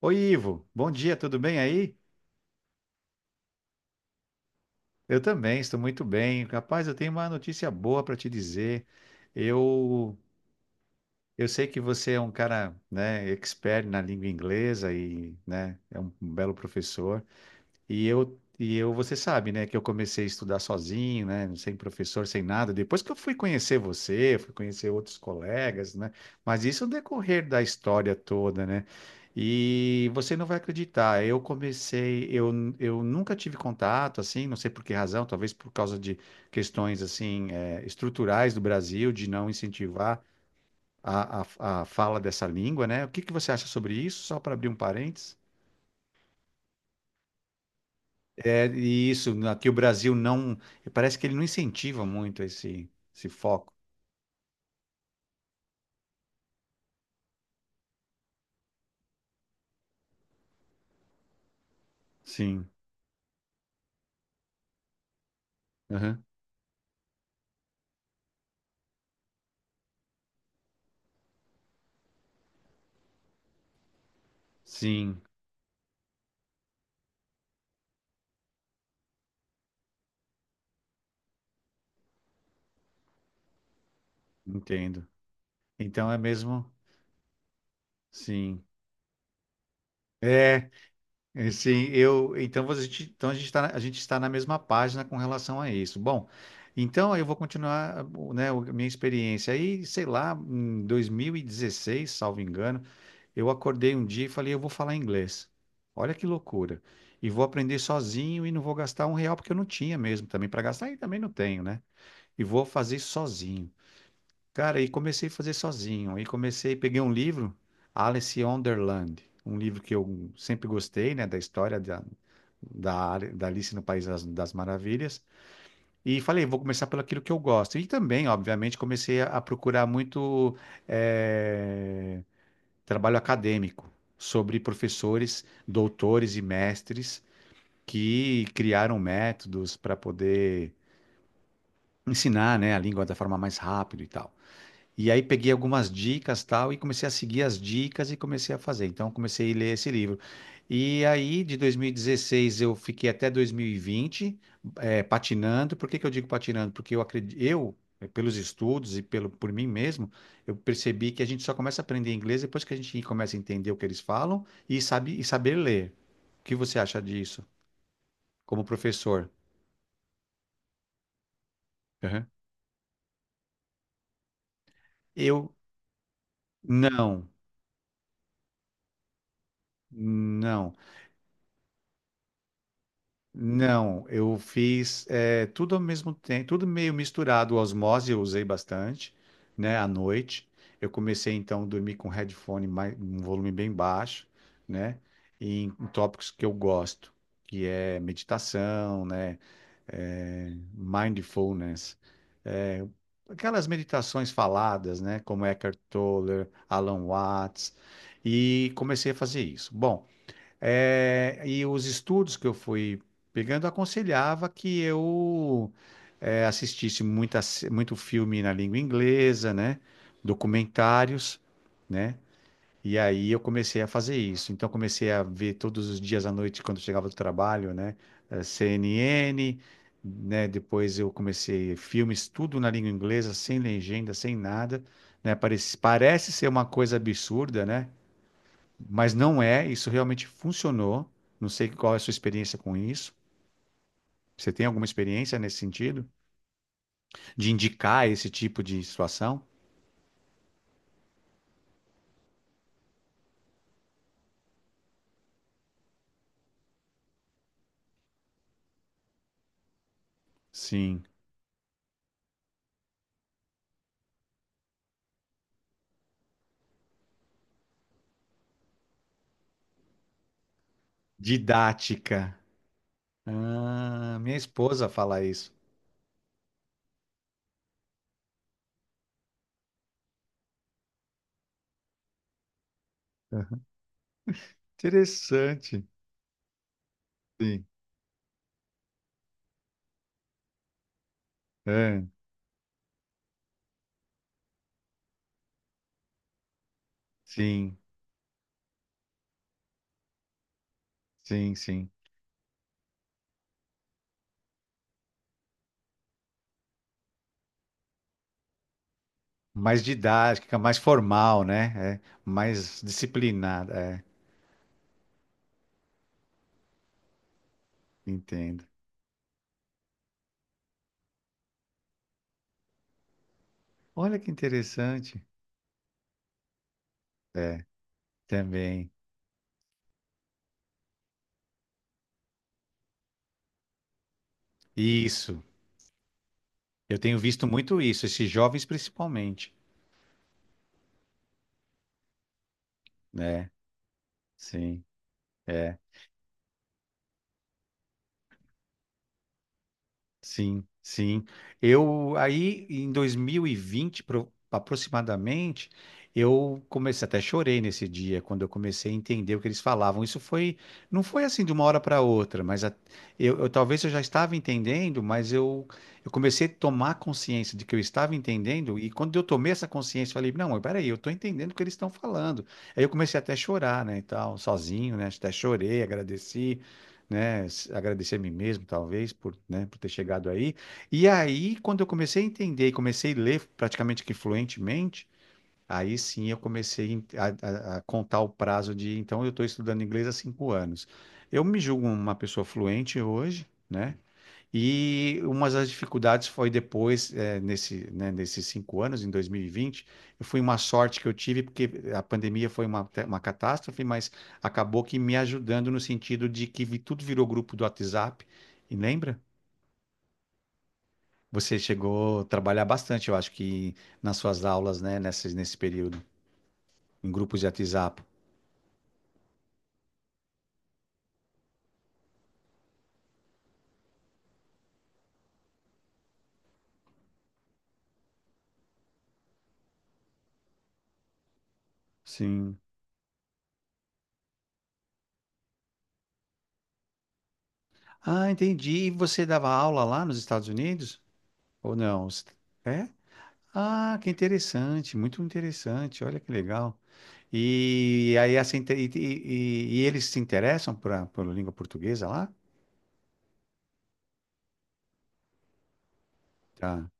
Oi, Ivo. Bom dia, tudo bem aí? Eu também, estou muito bem. Rapaz, eu tenho uma notícia boa para te dizer. Eu, eu sei que você é um cara, né, expert na língua inglesa e, né, é um belo professor. E eu, você sabe, né, que eu comecei a estudar sozinho, né, sem professor, sem nada. Depois que eu fui conhecer você, fui conhecer outros colegas, né, mas isso no decorrer da história toda, né. E você não vai acreditar, eu nunca tive contato, assim, não sei por que razão, talvez por causa de questões, assim, estruturais do Brasil, de não incentivar a fala dessa língua, né. O que que você acha sobre isso? Só para abrir um parênteses. É e isso, aqui o Brasil não, parece que ele não incentiva muito esse foco. Sim, aham, sim, entendo. Então é mesmo, sim. É, é, sim, então a gente está na mesma página com relação a isso. Bom, então eu vou continuar, né, a minha experiência. Aí, sei lá, em 2016 salvo engano, eu acordei um dia e falei, eu vou falar inglês. Olha que loucura. E vou aprender sozinho e não vou gastar um real, porque eu não tinha mesmo também para gastar, e também não tenho, né? E vou fazer sozinho. Cara, e comecei a fazer sozinho. Aí comecei, peguei um livro, Alice in Wonderland, um livro que eu sempre gostei, né, da história da Alice no País das Maravilhas. E falei, vou começar pelo aquilo que eu gosto. E também, obviamente, comecei a procurar muito eh, trabalho acadêmico sobre professores, doutores e mestres que criaram métodos para poder ensinar, né, a língua da forma mais rápida e tal. E aí peguei algumas dicas, tal, e comecei a seguir as dicas e comecei a fazer. Então comecei a ler esse livro. E aí de 2016 eu fiquei até 2020 patinando. Por que que eu digo patinando? Porque eu acredito, pelos estudos e pelo por mim mesmo, eu percebi que a gente só começa a aprender inglês depois que a gente começa a entender o que eles falam e sabe e saber ler. O que você acha disso, como professor? Aham. Eu não, não. Não, eu fiz tudo ao mesmo tempo, tudo meio misturado. Osmose eu usei bastante, né, à noite. Eu comecei então a dormir com headphone mais, um volume bem baixo, né, e em, em tópicos que eu gosto, que é meditação, né, mindfulness, aquelas meditações faladas, né, como Eckhart Tolle, Alan Watts, e comecei a fazer isso. Bom. É, e os estudos que eu fui pegando aconselhava que eu assistisse muita, se- muito filme na língua inglesa, né? Documentários, né? E aí eu comecei a fazer isso. Então comecei a ver todos os dias à noite quando chegava do trabalho, né? CNN, né? Depois eu comecei filmes tudo na língua inglesa, sem legenda, sem nada, né? Parece, parece ser uma coisa absurda, né? Mas não é, isso realmente funcionou. Não sei qual é a sua experiência com isso. Você tem alguma experiência nesse sentido? De indicar esse tipo de situação? Sim. Didática. Ah, minha esposa fala isso. Aham. Interessante. Sim. Ah, sim, sim, sim. Mais didática, mais formal, né? É, mais disciplinada. É, entendo. Olha que interessante. É, também. Isso. Eu tenho visto muito isso, esses jovens principalmente, né? Sim, é. Sim, sim. Eu aí em 2020, aproximadamente, eu comecei, até chorei nesse dia quando eu comecei a entender o que eles falavam. Isso foi, não foi assim de uma hora para outra, talvez eu já estava entendendo, mas eu comecei a tomar consciência de que eu estava entendendo, e quando eu tomei essa consciência, eu falei, não, mas peraí, eu estou entendendo o que eles estão falando. Aí eu comecei até a chorar, né, e tal, sozinho, né? Até chorei, agradeci, né, agradecer a mim mesmo, talvez, por, né, por ter chegado aí. E aí, quando eu comecei a entender e comecei a ler praticamente que fluentemente, aí sim eu comecei a contar o prazo de, então, eu estou estudando inglês há 5 anos. Eu me julgo uma pessoa fluente hoje, né? E uma das dificuldades foi depois, nesses 5 anos, em 2020, eu fui uma sorte que eu tive, porque a pandemia foi uma catástrofe, mas acabou que me ajudando no sentido de que tudo virou grupo do WhatsApp. E lembra? Você chegou a trabalhar bastante, eu acho que nas suas aulas, né, nesse período, em grupos de WhatsApp. Sim. Ah, entendi. E você dava aula lá nos Estados Unidos? Ou não? É? Ah, que interessante, muito interessante, olha que legal. E aí essa inte- e eles se interessam pela língua portuguesa lá? Tá.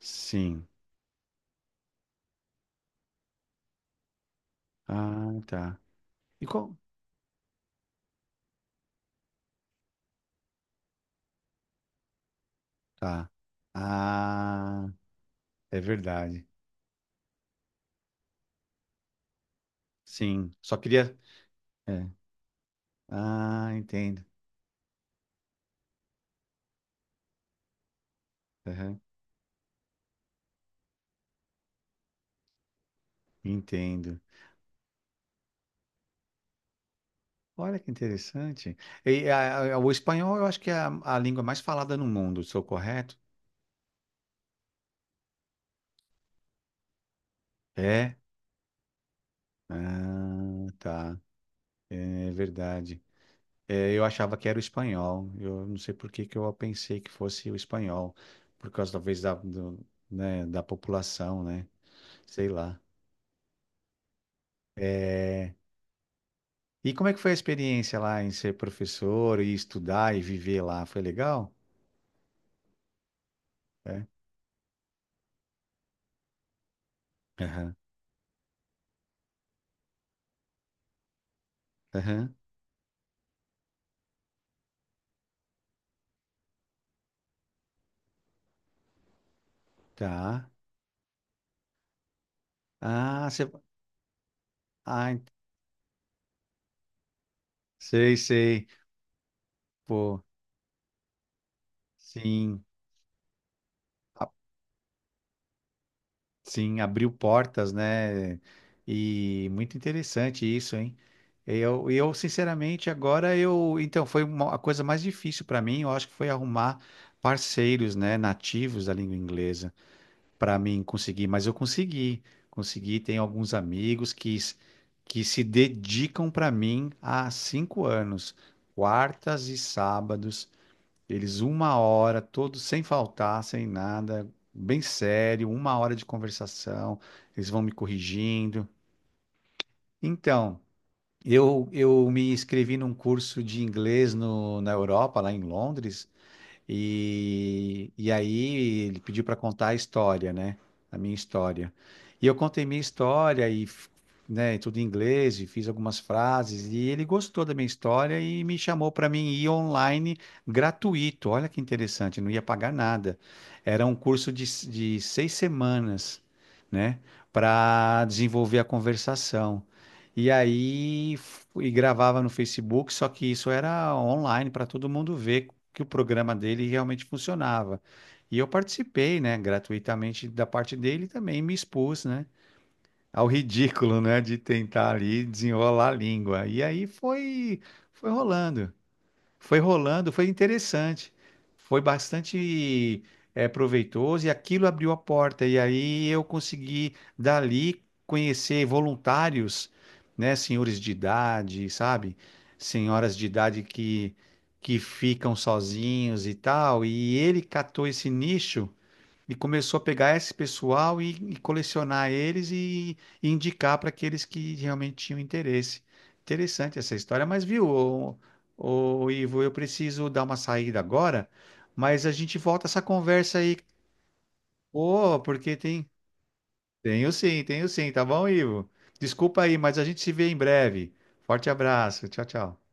Sim. Ah, tá. E qual? Tá. Ah, é verdade. Sim. Só queria. É. Ah, entendo. Aham, entendo. Olha que interessante. E o espanhol eu acho que é a língua mais falada no mundo, sou correto? É. Ah, tá. É verdade. É, eu achava que era o espanhol. Eu não sei por que que eu pensei que fosse o espanhol, por causa talvez né, da população, né? Sei lá. É, e como é que foi a experiência lá em ser professor e estudar e viver lá? Foi legal? É. Aham. Aham. Tá. Ah, você. Ah, sei, sei. Pô, sim. Sim, abriu portas, né? E muito interessante isso, hein? Eu sinceramente, agora eu. Então, foi a coisa mais difícil para mim, eu acho que foi arrumar parceiros, né, nativos da língua inglesa, para mim conseguir. Mas eu consegui, consegui. Tenho alguns amigos que se dedicam para mim há cinco anos, quartas e sábados. Eles uma hora, todos sem faltar, sem nada, bem sério, uma hora de conversação, eles vão me corrigindo. Então, eu me inscrevi num curso de inglês no, na Europa, lá em Londres, e aí ele pediu para contar a história, né? A minha história. E eu contei minha história e, né, tudo em inglês, e fiz algumas frases, e ele gostou da minha história e me chamou para mim ir online gratuito. Olha que interessante, não ia pagar nada. Era um curso de 6 semanas, né? Para desenvolver a conversação. E aí e gravava no Facebook, só que isso era online para todo mundo ver que o programa dele realmente funcionava. E eu participei, né, gratuitamente da parte dele e também me expus, né, ao ridículo, né, de tentar ali desenrolar a língua. E aí foi rolando foi rolando, foi interessante, foi bastante proveitoso e aquilo abriu a porta. E aí eu consegui dali conhecer voluntários, né, senhores de idade, sabe, senhoras de idade que ficam sozinhos e tal. E ele catou esse nicho e começou a pegar esse pessoal e colecionar eles e indicar para aqueles que realmente tinham interesse. Interessante essa história, mas viu, ô, ô, Ivo, eu preciso dar uma saída agora, mas a gente volta essa conversa aí. Pô, porque tem. Tenho sim, tá bom, Ivo? Desculpa aí, mas a gente se vê em breve. Forte abraço, tchau, tchau.